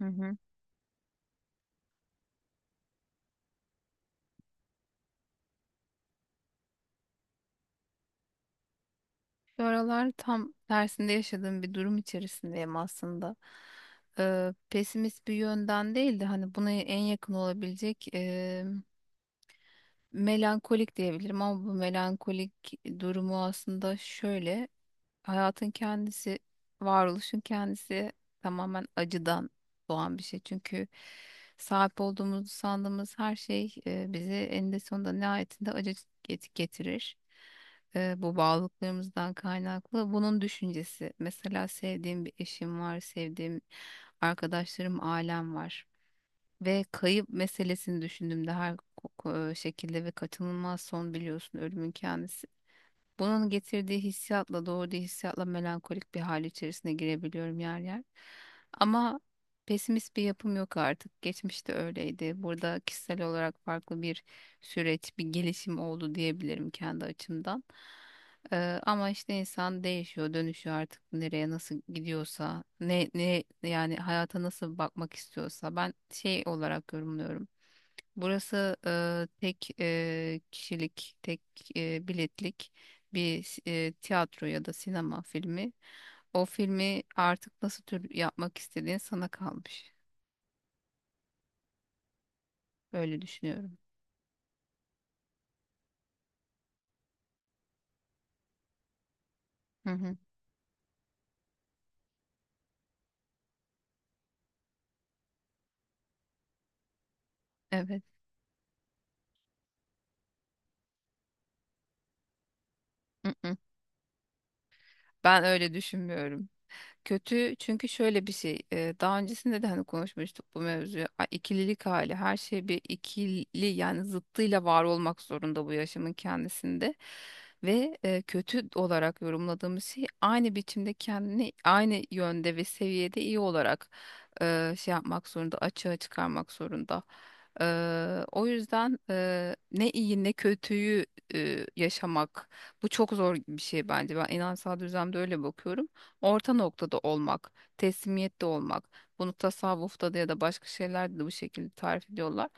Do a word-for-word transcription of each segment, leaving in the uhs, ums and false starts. Hı hı. Bu aralar tam tersinde yaşadığım bir durum içerisindeyim aslında. Ee, pesimist bir yönden değil de hani buna en yakın olabilecek e, melankolik diyebilirim ama bu melankolik durumu aslında şöyle. Hayatın kendisi, varoluşun kendisi tamamen acıdan doğan bir şey. Çünkü sahip olduğumuzu sandığımız her şey e, bizi eninde sonunda nihayetinde acı get- getirir. E, bu bağlılıklarımızdan kaynaklı. Bunun düşüncesi. Mesela sevdiğim bir eşim var, sevdiğim arkadaşlarım, ailem var. Ve kayıp meselesini düşündüğümde her ko- ko- şekilde ve kaçınılmaz son biliyorsun ölümün kendisi. Bunun getirdiği hissiyatla, doğurduğu hissiyatla melankolik bir hal içerisine girebiliyorum yer yer. Ama pesimist bir yapım yok artık. Geçmişte öyleydi. Burada kişisel olarak farklı bir süreç, bir gelişim oldu diyebilirim kendi açımdan. Ee, ama işte insan değişiyor, dönüşüyor artık nereye nasıl gidiyorsa, ne ne yani hayata nasıl bakmak istiyorsa. Ben şey olarak yorumluyorum. Burası e, tek e, kişilik, tek e, biletlik bir s- e, tiyatro ya da sinema filmi. O filmi artık nasıl tür yapmak istediğin sana kalmış. Öyle düşünüyorum. Hı hı. Evet. Hı hı. Ben öyle düşünmüyorum. Kötü çünkü şöyle bir şey e, daha öncesinde de hani konuşmuştuk bu mevzuyu A- ikililik hali her şey bir ikili yani zıttıyla var olmak zorunda bu yaşamın kendisinde ve e, kötü olarak yorumladığımız şey aynı biçimde kendini aynı yönde ve seviyede iyi olarak e, şey yapmak zorunda açığa çıkarmak zorunda. E, o yüzden e, ne iyi ne kötüyü e, yaşamak bu çok zor bir şey bence ben inansal düzlemde öyle bakıyorum orta noktada olmak, teslimiyette olmak. Bunu tasavvufta da ya da başka şeylerde de bu şekilde tarif ediyorlar.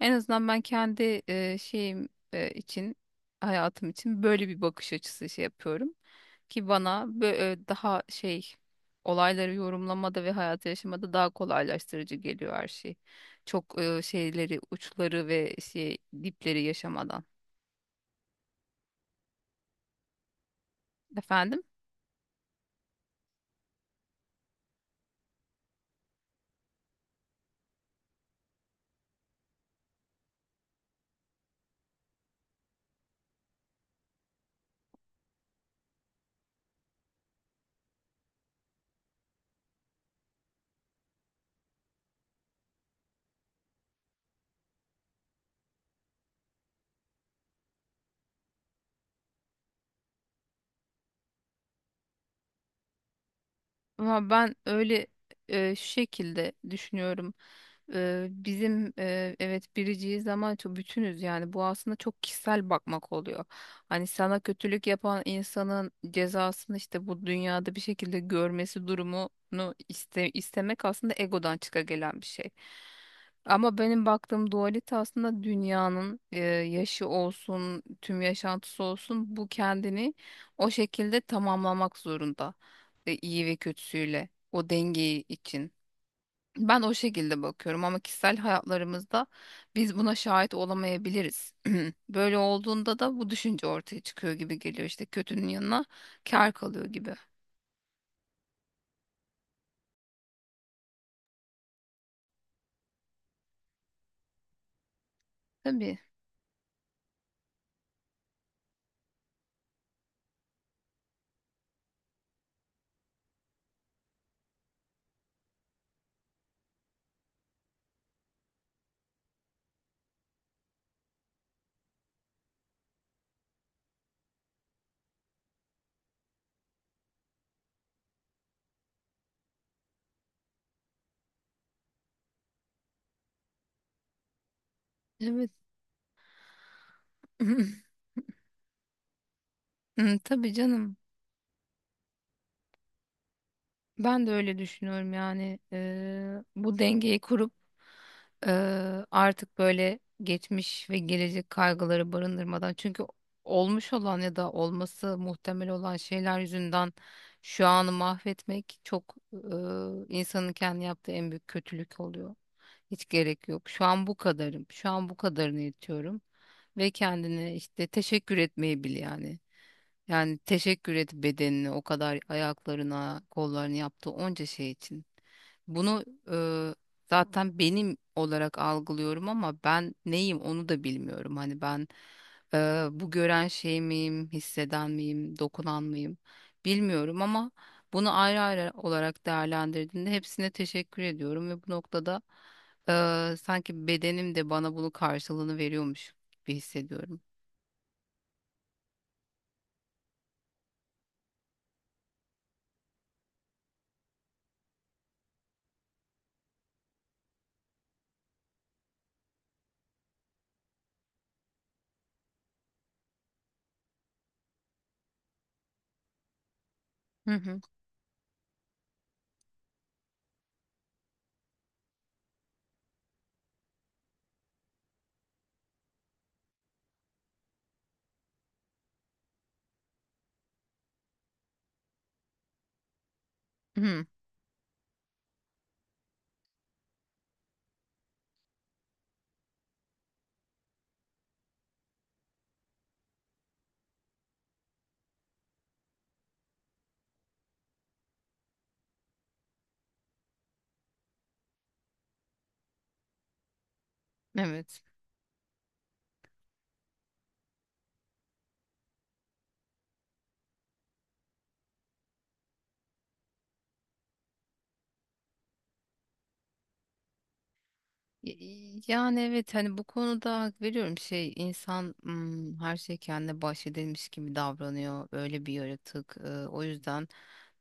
En azından ben kendi e, şeyim e, için, hayatım için böyle bir bakış açısı şey yapıyorum ki bana bö- e, daha şey olayları yorumlamada ve hayatı yaşamada daha kolaylaştırıcı geliyor her şey. Çok e, şeyleri, uçları ve şey dipleri yaşamadan. Efendim? Ama ben öyle e, şu şekilde düşünüyorum. E, bizim e, evet biriciyiz ama çok bütünüz yani bu aslında çok kişisel bakmak oluyor. Hani sana kötülük yapan insanın cezasını işte bu dünyada bir şekilde görmesi durumunu iste, istemek aslında egodan çıka gelen bir şey. Ama benim baktığım dualite aslında dünyanın e, yaşı olsun, tüm yaşantısı olsun bu kendini o şekilde tamamlamak zorunda e, iyi ve kötüsüyle o dengeyi için. Ben o şekilde bakıyorum ama kişisel hayatlarımızda biz buna şahit olamayabiliriz. Böyle olduğunda da bu düşünce ortaya çıkıyor gibi geliyor işte kötünün yanına kar kalıyor gibi. Tabii. Evet. Hı, tabii canım. Ben de öyle düşünüyorum yani eee, bu dengeyi kurup eee, artık böyle geçmiş ve gelecek kaygıları barındırmadan çünkü olmuş olan ya da olması muhtemel olan şeyler yüzünden şu anı mahvetmek çok eee, insanın kendi yaptığı en büyük kötülük oluyor. Hiç gerek yok. Şu an bu kadarım. Şu an bu kadarını yetiyorum ve kendine işte teşekkür etmeyi bil yani. Yani teşekkür et bedenini o kadar ayaklarına, kollarını yaptığı onca şey için. Bunu e, zaten benim olarak algılıyorum ama ben neyim onu da bilmiyorum. Hani ben e, bu gören şey miyim, hisseden miyim, dokunan mıyım bilmiyorum ama bunu ayrı ayrı olarak değerlendirdiğinde hepsine teşekkür ediyorum ve bu noktada e, sanki bedenim de bana bunun karşılığını veriyormuş gibi hissediyorum. Hı hı. Hı. Evet. Y- Yani evet hani bu konuda hak veriyorum şey insan mm, her şey kendine bahşedilmiş gibi davranıyor öyle bir yaratık. Ee, o yüzden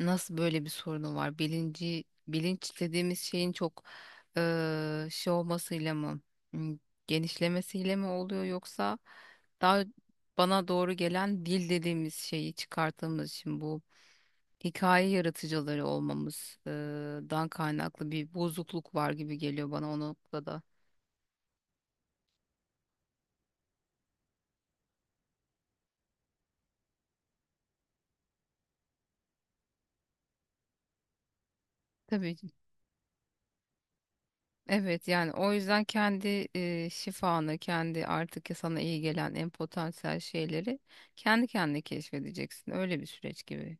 nasıl böyle bir sorunu var bilinci bilinç dediğimiz şeyin çok eee, şey olmasıyla mı mm, genişlemesiyle mi oluyor yoksa daha bana doğru gelen dil dediğimiz şeyi çıkarttığımız için bu hikaye yaratıcıları olmamızdan kaynaklı bir bozukluk var gibi geliyor bana o noktada. Tabii ki. Evet yani o yüzden kendi e, şifanı, kendi artık sana iyi gelen en potansiyel şeyleri kendi kendine keşfedeceksin. Öyle bir süreç gibi.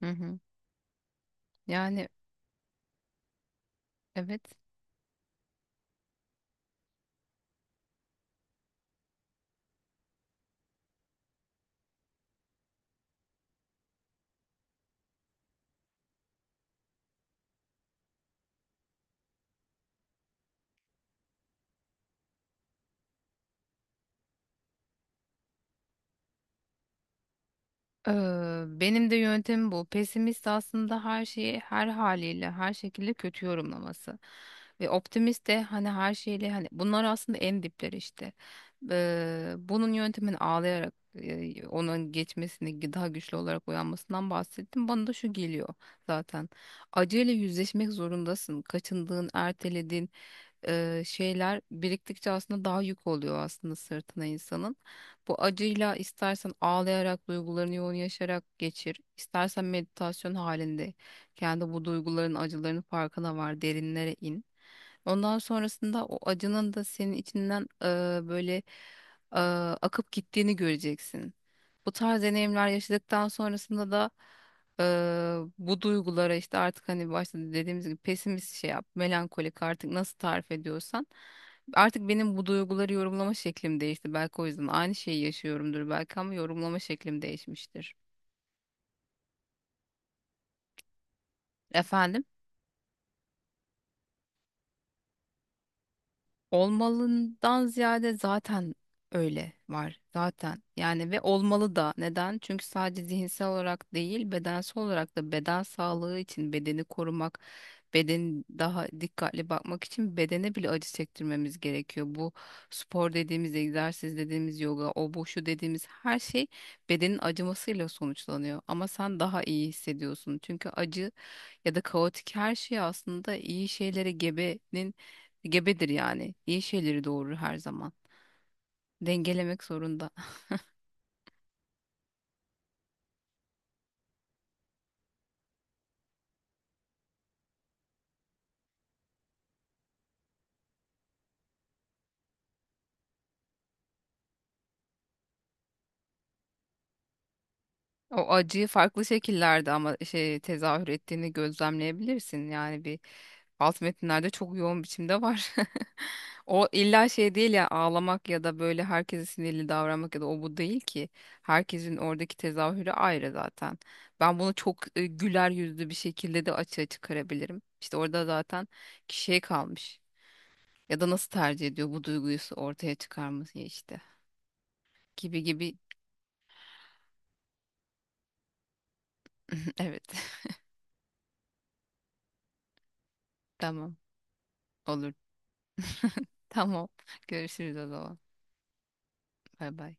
Hı hı. Yani evet. Eee, Benim de yöntemim bu. Pesimist aslında her şeyi her haliyle, her şekilde kötü yorumlaması. Ve optimist de hani her şeyle hani bunlar aslında en dipleri işte. Eee, bunun yöntemini ağlayarak eee, onun geçmesini daha güçlü olarak uyanmasından bahsettim. Bana da şu geliyor zaten. Acıyla yüzleşmek zorundasın. Kaçındığın, ertelediğin e, şeyler biriktikçe aslında daha yük oluyor aslında sırtına insanın. Bu acıyla istersen ağlayarak duygularını yoğun yaşayarak geçir, istersen meditasyon halinde kendi bu duyguların acıların farkına var, derinlere in. Ondan sonrasında o acının da senin içinden e, böyle e, akıp gittiğini göreceksin. Bu tarz deneyimler yaşadıktan sonrasında da e, bu duygulara işte artık hani başta dediğimiz gibi pesimist şey yap, melankolik artık nasıl tarif ediyorsan. Artık benim bu duyguları yorumlama şeklim değişti. Belki o yüzden aynı şeyi yaşıyorumdur belki ama yorumlama şeklim değişmiştir. Efendim? Olmalından ziyade zaten öyle var zaten yani ve olmalı da neden? Çünkü sadece zihinsel olarak değil bedensel olarak da beden sağlığı için bedeni korumak beden daha dikkatli bakmak için bedene bile acı çektirmemiz gerekiyor. Bu spor dediğimiz egzersiz dediğimiz yoga o bu şu dediğimiz her şey bedenin acımasıyla sonuçlanıyor ama sen daha iyi hissediyorsun çünkü acı ya da kaotik her şey aslında iyi şeylere gebenin gebedir yani. İyi şeyleri doğurur her zaman. Dengelemek zorunda. O acıyı farklı şekillerde ama şey tezahür ettiğini gözlemleyebilirsin. Yani bir alt metinlerde çok yoğun biçimde var. O illa şey değil ya ağlamak ya da böyle herkese sinirli davranmak ya da o bu değil ki. Herkesin oradaki tezahürü ayrı zaten. Ben bunu çok e, güler yüzlü bir şekilde de açığa çıkarabilirim. İşte orada zaten kişiye kalmış. Ya da nasıl tercih ediyor bu duyguyu ortaya çıkarması işte. Gibi gibi. Evet. Tamam. Olur. Tamam. Görüşürüz o zaman. Bay bay.